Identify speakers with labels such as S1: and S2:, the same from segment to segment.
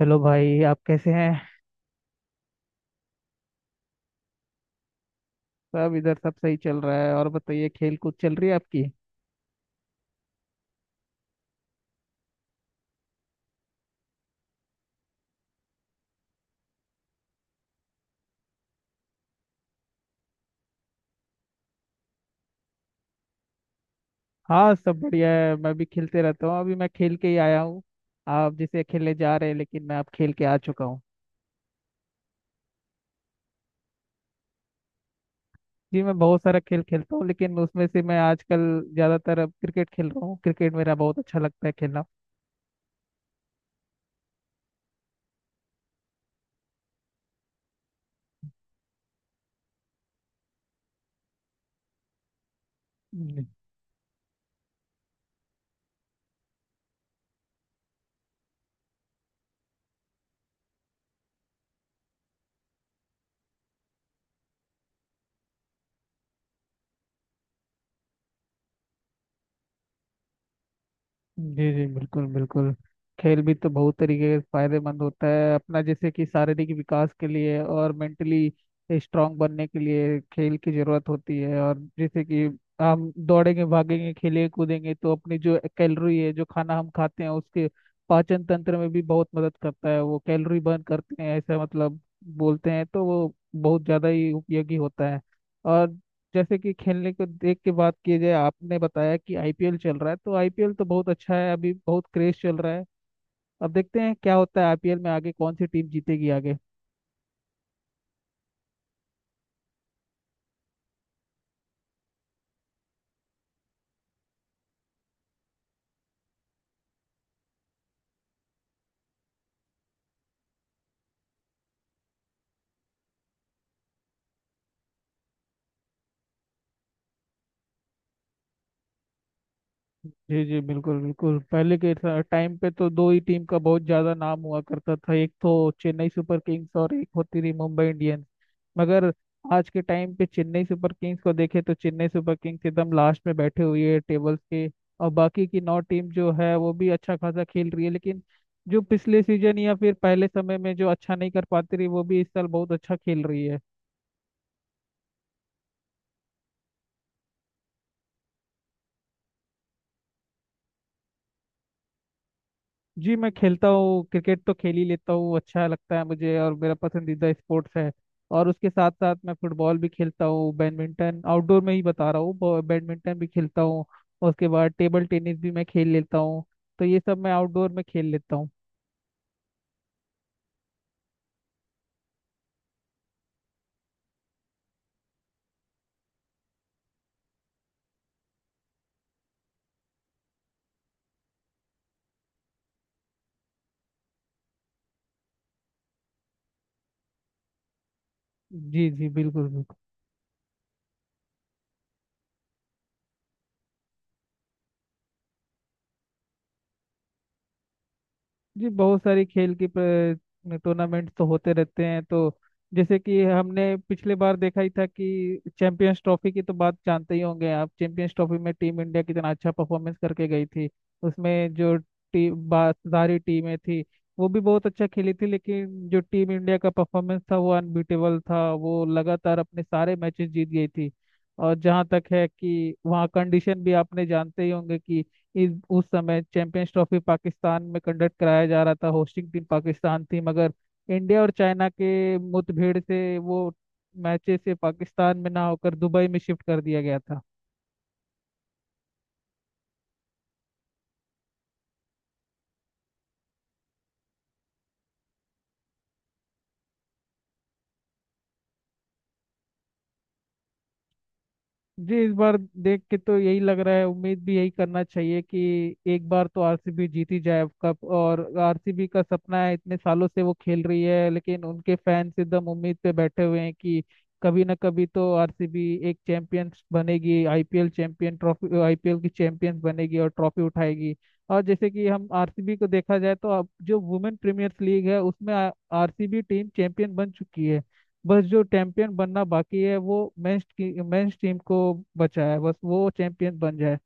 S1: Hello भाई, आप कैसे हैं। सब इधर सब सही चल रहा है। और बताइए, खेल कूद चल रही है आपकी। हाँ, सब बढ़िया है। मैं भी खेलते रहता हूँ। अभी मैं खेल के ही आया हूँ। आप जैसे खेलने जा रहे हैं लेकिन मैं अब खेल के आ चुका हूँ। जी, मैं बहुत सारा खेल खेलता हूँ लेकिन उसमें से मैं आजकल ज़्यादातर अब क्रिकेट खेल रहा हूँ। क्रिकेट मेरा बहुत अच्छा लगता है खेलना। जी जी, बिल्कुल बिल्कुल। खेल भी तो बहुत तरीके से फायदेमंद होता है अपना, जैसे कि शारीरिक विकास के लिए और मेंटली स्ट्रांग बनने के लिए खेल की जरूरत होती है। और जैसे कि हम दौड़ेंगे, भागेंगे, खेलेंगे, कूदेंगे तो अपनी जो कैलोरी है, जो खाना हम खाते हैं उसके पाचन तंत्र में भी बहुत मदद करता है। वो कैलोरी बर्न करते हैं ऐसा, मतलब बोलते हैं, तो वो बहुत ज़्यादा ही उपयोगी होता है। और जैसे कि खेलने को देख के बात की जाए, आपने बताया कि आईपीएल चल रहा है तो आईपीएल तो बहुत अच्छा है, अभी बहुत क्रेज चल रहा है। अब देखते हैं क्या होता है आईपीएल में, आगे कौन सी टीम जीतेगी आगे। जी जी, बिल्कुल बिल्कुल। पहले के टाइम पे तो दो ही टीम का बहुत ज्यादा नाम हुआ करता था, एक तो चेन्नई सुपर किंग्स और एक होती थी मुंबई इंडियंस। मगर आज के टाइम पे चेन्नई सुपर किंग्स को देखे तो चेन्नई सुपर किंग्स एकदम लास्ट में बैठे हुए है टेबल्स के। और बाकी की नौ टीम जो है वो भी अच्छा खासा खेल रही है, लेकिन जो पिछले सीजन या फिर पहले समय में जो अच्छा नहीं कर पाती रही, वो भी इस साल बहुत अच्छा खेल रही है। जी, मैं खेलता हूँ। क्रिकेट तो खेल ही लेता हूँ, अच्छा लगता है मुझे और मेरा पसंदीदा स्पोर्ट्स है। और उसके साथ साथ मैं फुटबॉल भी खेलता हूँ। बैडमिंटन, आउटडोर में ही बता रहा हूँ, बैडमिंटन भी खेलता हूँ। और उसके बाद टेबल टेनिस भी मैं खेल लेता हूँ। तो ये सब मैं आउटडोर में खेल लेता हूँ। जी जी, बिल्कुल बिल्कुल। जी, बहुत सारी खेल की टूर्नामेंट तो होते रहते हैं तो जैसे कि हमने पिछले बार देखा ही था कि चैंपियंस ट्रॉफी की, तो बात जानते ही होंगे आप। चैंपियंस ट्रॉफी में टीम इंडिया कितना अच्छा परफॉर्मेंस करके गई थी। उसमें जो टीम बा सारी टीमें थी वो भी बहुत अच्छा खेली थी, लेकिन जो टीम इंडिया का परफॉर्मेंस था वो अनबीटेबल था। वो लगातार अपने सारे मैचेस जीत गई थी। और जहाँ तक है कि वहाँ कंडीशन भी आपने जानते ही होंगे कि इस उस समय चैंपियंस ट्रॉफी पाकिस्तान में कंडक्ट कराया जा रहा था, होस्टिंग टीम पाकिस्तान थी। मगर इंडिया और चाइना के मुठभेड़ से वो मैचेस से पाकिस्तान में ना होकर दुबई में शिफ्ट कर दिया गया था। जी, इस बार देख के तो यही लग रहा है, उम्मीद भी यही करना चाहिए कि एक बार तो आरसीबी जीत ही जाए कप। और आरसीबी का सपना है, इतने सालों से वो खेल रही है, लेकिन उनके फैंस एकदम उम्मीद पे बैठे हुए हैं कि कभी ना कभी तो आरसीबी एक चैंपियंस बनेगी, आईपीएल चैंपियन ट्रॉफी, आईपीएल की चैंपियंस बनेगी और ट्रॉफी उठाएगी। और जैसे कि हम आरसीबी को देखा जाए तो अब जो वुमेन प्रीमियर लीग है उसमें आरसीबी टीम चैंपियन बन चुकी है। बस जो चैंपियन बनना बाकी है वो मेंस टीम को बचा है, बस वो चैंपियन बन जाए।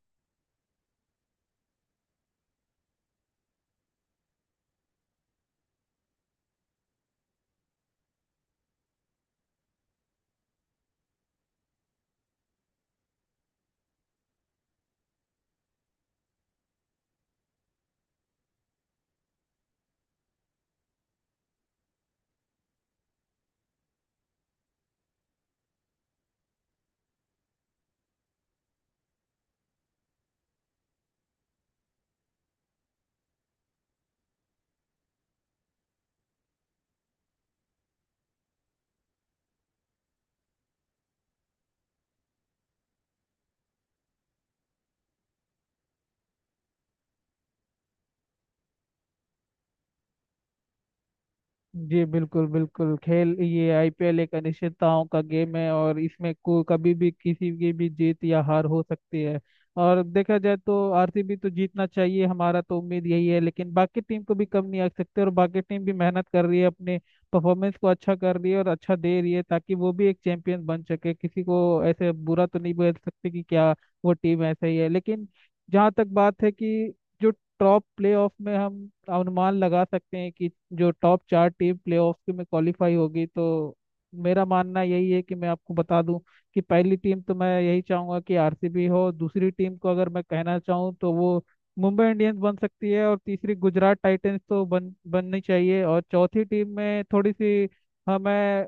S1: जी, बिल्कुल बिल्कुल। खेल ये आईपीएल एक अनिश्चितताओं का गेम है और इसमें को कभी भी किसी की भी जीत या हार हो सकती है। और देखा जाए तो आरसीबी तो जीतना चाहिए, हमारा तो उम्मीद यही है, लेकिन बाकी टीम को भी कम नहीं आ सकते और बाकी टीम भी मेहनत कर रही है, अपने परफॉर्मेंस को अच्छा कर रही है और अच्छा दे रही है ताकि वो भी एक चैंपियन बन सके। किसी को ऐसे बुरा तो नहीं बोल सकते कि क्या वो टीम ऐसा ही है, लेकिन जहाँ तक बात है कि जो टॉप प्लेऑफ में हम अनुमान लगा सकते हैं कि जो टॉप चार टीम प्लेऑफ के में क्वालिफाई होगी तो मेरा मानना यही है, कि मैं आपको बता दूं कि पहली टीम तो मैं यही चाहूंगा कि आरसीबी हो, दूसरी टीम को अगर मैं कहना चाहूँ तो वो मुंबई इंडियंस बन सकती है, और तीसरी गुजरात टाइटंस तो बन बननी चाहिए, और चौथी टीम में थोड़ी सी, हाँ मैं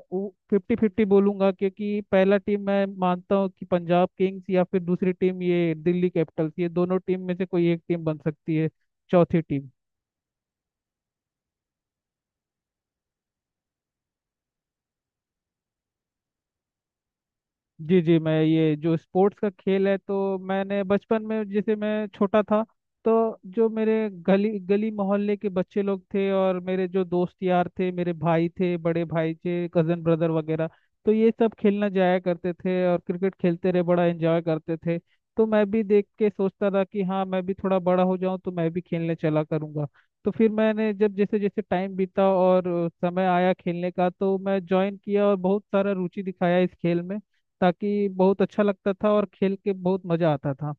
S1: 50-50 बोलूंगा, क्योंकि पहला टीम मैं मानता हूँ कि पंजाब किंग्स या फिर दूसरी टीम ये दिल्ली कैपिटल्स, ये दोनों टीम में से कोई एक टीम बन सकती है चौथी टीम। जी जी, मैं ये जो स्पोर्ट्स का खेल है तो मैंने बचपन में, जैसे मैं छोटा था, तो जो मेरे गली गली मोहल्ले के बच्चे लोग थे और मेरे जो दोस्त यार थे, मेरे भाई थे, बड़े भाई थे, कजन ब्रदर वगैरह, तो ये सब खेलना जाया करते थे और क्रिकेट खेलते रहे, बड़ा एंजॉय करते थे। तो मैं भी देख के सोचता था कि हाँ, मैं भी थोड़ा बड़ा हो जाऊं तो मैं भी खेलने चला करूंगा। तो फिर मैंने जब जैसे जैसे टाइम बीता और समय आया खेलने का, तो मैं ज्वाइन किया और बहुत सारा रुचि दिखाया इस खेल में, ताकि बहुत अच्छा लगता था और खेल के बहुत मजा आता था।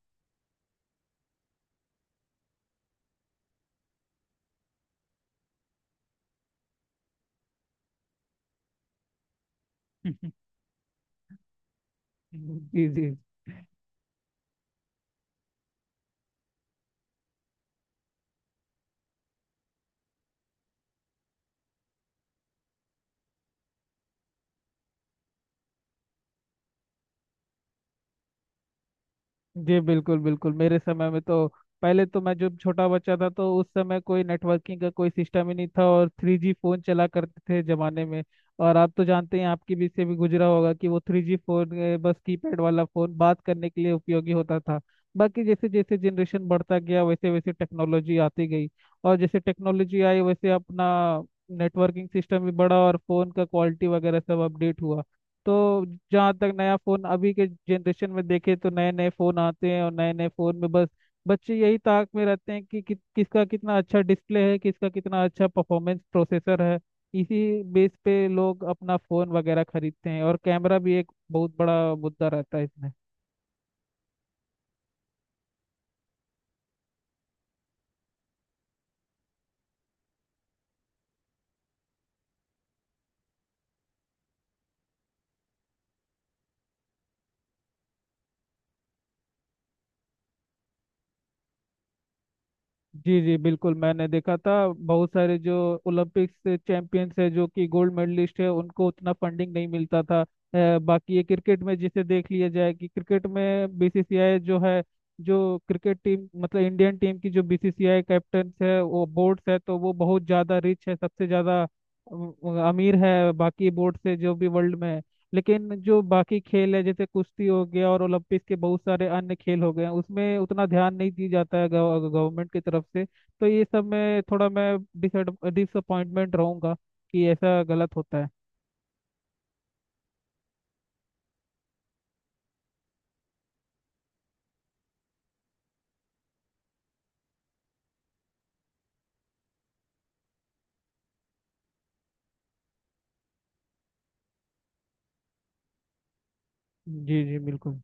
S1: जी जी। जी, बिल्कुल बिल्कुल। मेरे समय में तो पहले तो मैं जब छोटा बच्चा था, तो उस समय कोई नेटवर्किंग का कोई सिस्टम ही नहीं था और 3G फोन चला करते थे जमाने में। और आप तो जानते हैं, आपके बीच से भी गुजरा होगा कि वो 3G फोन, बस कीपैड वाला फोन बात करने के लिए उपयोगी होता था। बाकी जैसे जैसे जनरेशन बढ़ता गया वैसे वैसे टेक्नोलॉजी आती गई, और जैसे टेक्नोलॉजी आई वैसे अपना नेटवर्किंग सिस्टम भी बढ़ा और फोन का क्वालिटी वगैरह सब अपडेट हुआ। तो जहाँ तक नया फ़ोन अभी के जनरेशन में देखे तो नए नए फ़ोन आते हैं और नए नए फ़ोन में बस बच्चे यही ताक में रहते हैं कि किसका कितना अच्छा डिस्प्ले है, किसका कितना अच्छा परफॉर्मेंस प्रोसेसर है। इसी बेस पे लोग अपना फ़ोन वगैरह खरीदते हैं और कैमरा भी एक बहुत बड़ा मुद्दा रहता है इसमें। जी जी बिल्कुल, मैंने देखा था बहुत सारे जो ओलंपिक्स से चैंपियंस है, जो कि गोल्ड मेडलिस्ट है, उनको उतना फंडिंग नहीं मिलता था। बाकी ये क्रिकेट में जिसे देख लिया जाए कि क्रिकेट में बीसीसीआई जो है, जो क्रिकेट टीम मतलब इंडियन टीम की जो बीसीसीआई कैप्टन है वो बोर्ड्स है, तो वो बहुत ज़्यादा रिच है, सबसे ज़्यादा अमीर है बाकी बोर्ड से जो भी वर्ल्ड में है। लेकिन जो बाकी खेल है जैसे कुश्ती हो गया और ओलंपिक्स के बहुत सारे अन्य खेल हो गए हैं उसमें उतना ध्यान नहीं दिया जाता है गवर्नमेंट की तरफ से। तो ये सब में थोड़ा मैं डिसअपॉइंटमेंट रहूंगा कि ऐसा गलत होता है। जी जी, बिल्कुल।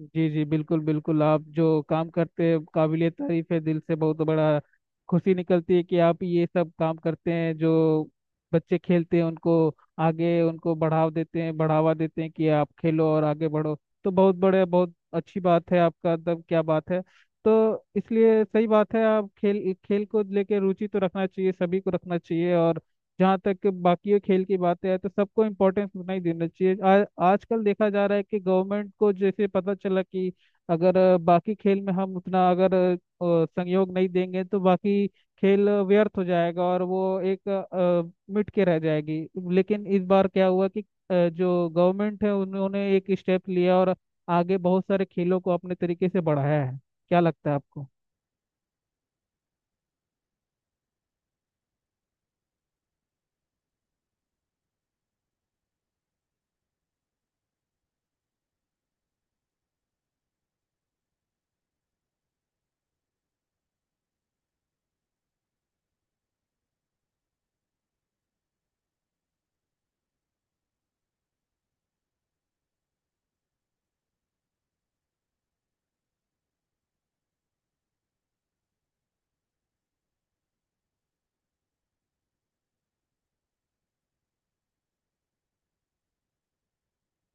S1: जी जी, बिल्कुल बिल्कुल। आप जो काम करते हैं, काबिलियत तारीफ है दिल से, बहुत बड़ा खुशी निकलती है कि आप ये सब काम करते हैं। जो बच्चे खेलते हैं उनको आगे, उनको बढ़ाव देते हैं, बढ़ावा देते हैं कि आप खेलो और आगे बढ़ो। तो बहुत बड़े, बहुत अच्छी बात है आपका। तब क्या बात है। तो इसलिए सही बात है, आप खेल, खेल को लेके रुचि तो रखना चाहिए, सभी को रखना चाहिए। और जहाँ तक बाकी खेल की बातें है तो सबको इम्पोर्टेंस उतना ही देना चाहिए। आजकल देखा जा रहा है कि गवर्नमेंट को जैसे पता चला कि अगर बाकी खेल में हम उतना, अगर संयोग नहीं देंगे तो बाकी खेल व्यर्थ हो जाएगा और वो एक मिट के रह जाएगी। लेकिन इस बार क्या हुआ कि जो गवर्नमेंट है उन्होंने एक स्टेप लिया और आगे बहुत सारे खेलों को अपने तरीके से बढ़ाया है। क्या लगता है आपको।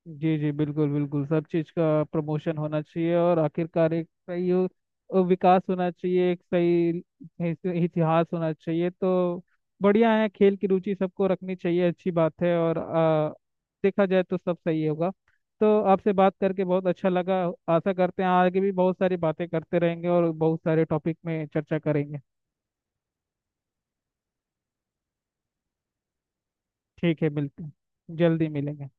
S1: जी जी, बिल्कुल बिल्कुल। सब चीज़ का प्रमोशन होना चाहिए और आखिरकार एक सही विकास होना चाहिए, एक सही इतिहास होना चाहिए तो बढ़िया है। खेल की रुचि सबको रखनी चाहिए, अच्छी बात है। और देखा जाए तो सब सही होगा। तो आपसे बात करके बहुत अच्छा लगा। आशा करते हैं आगे भी बहुत सारी बातें करते रहेंगे और बहुत सारे टॉपिक में चर्चा करेंगे। ठीक है, मिलते हैं, जल्दी मिलेंगे।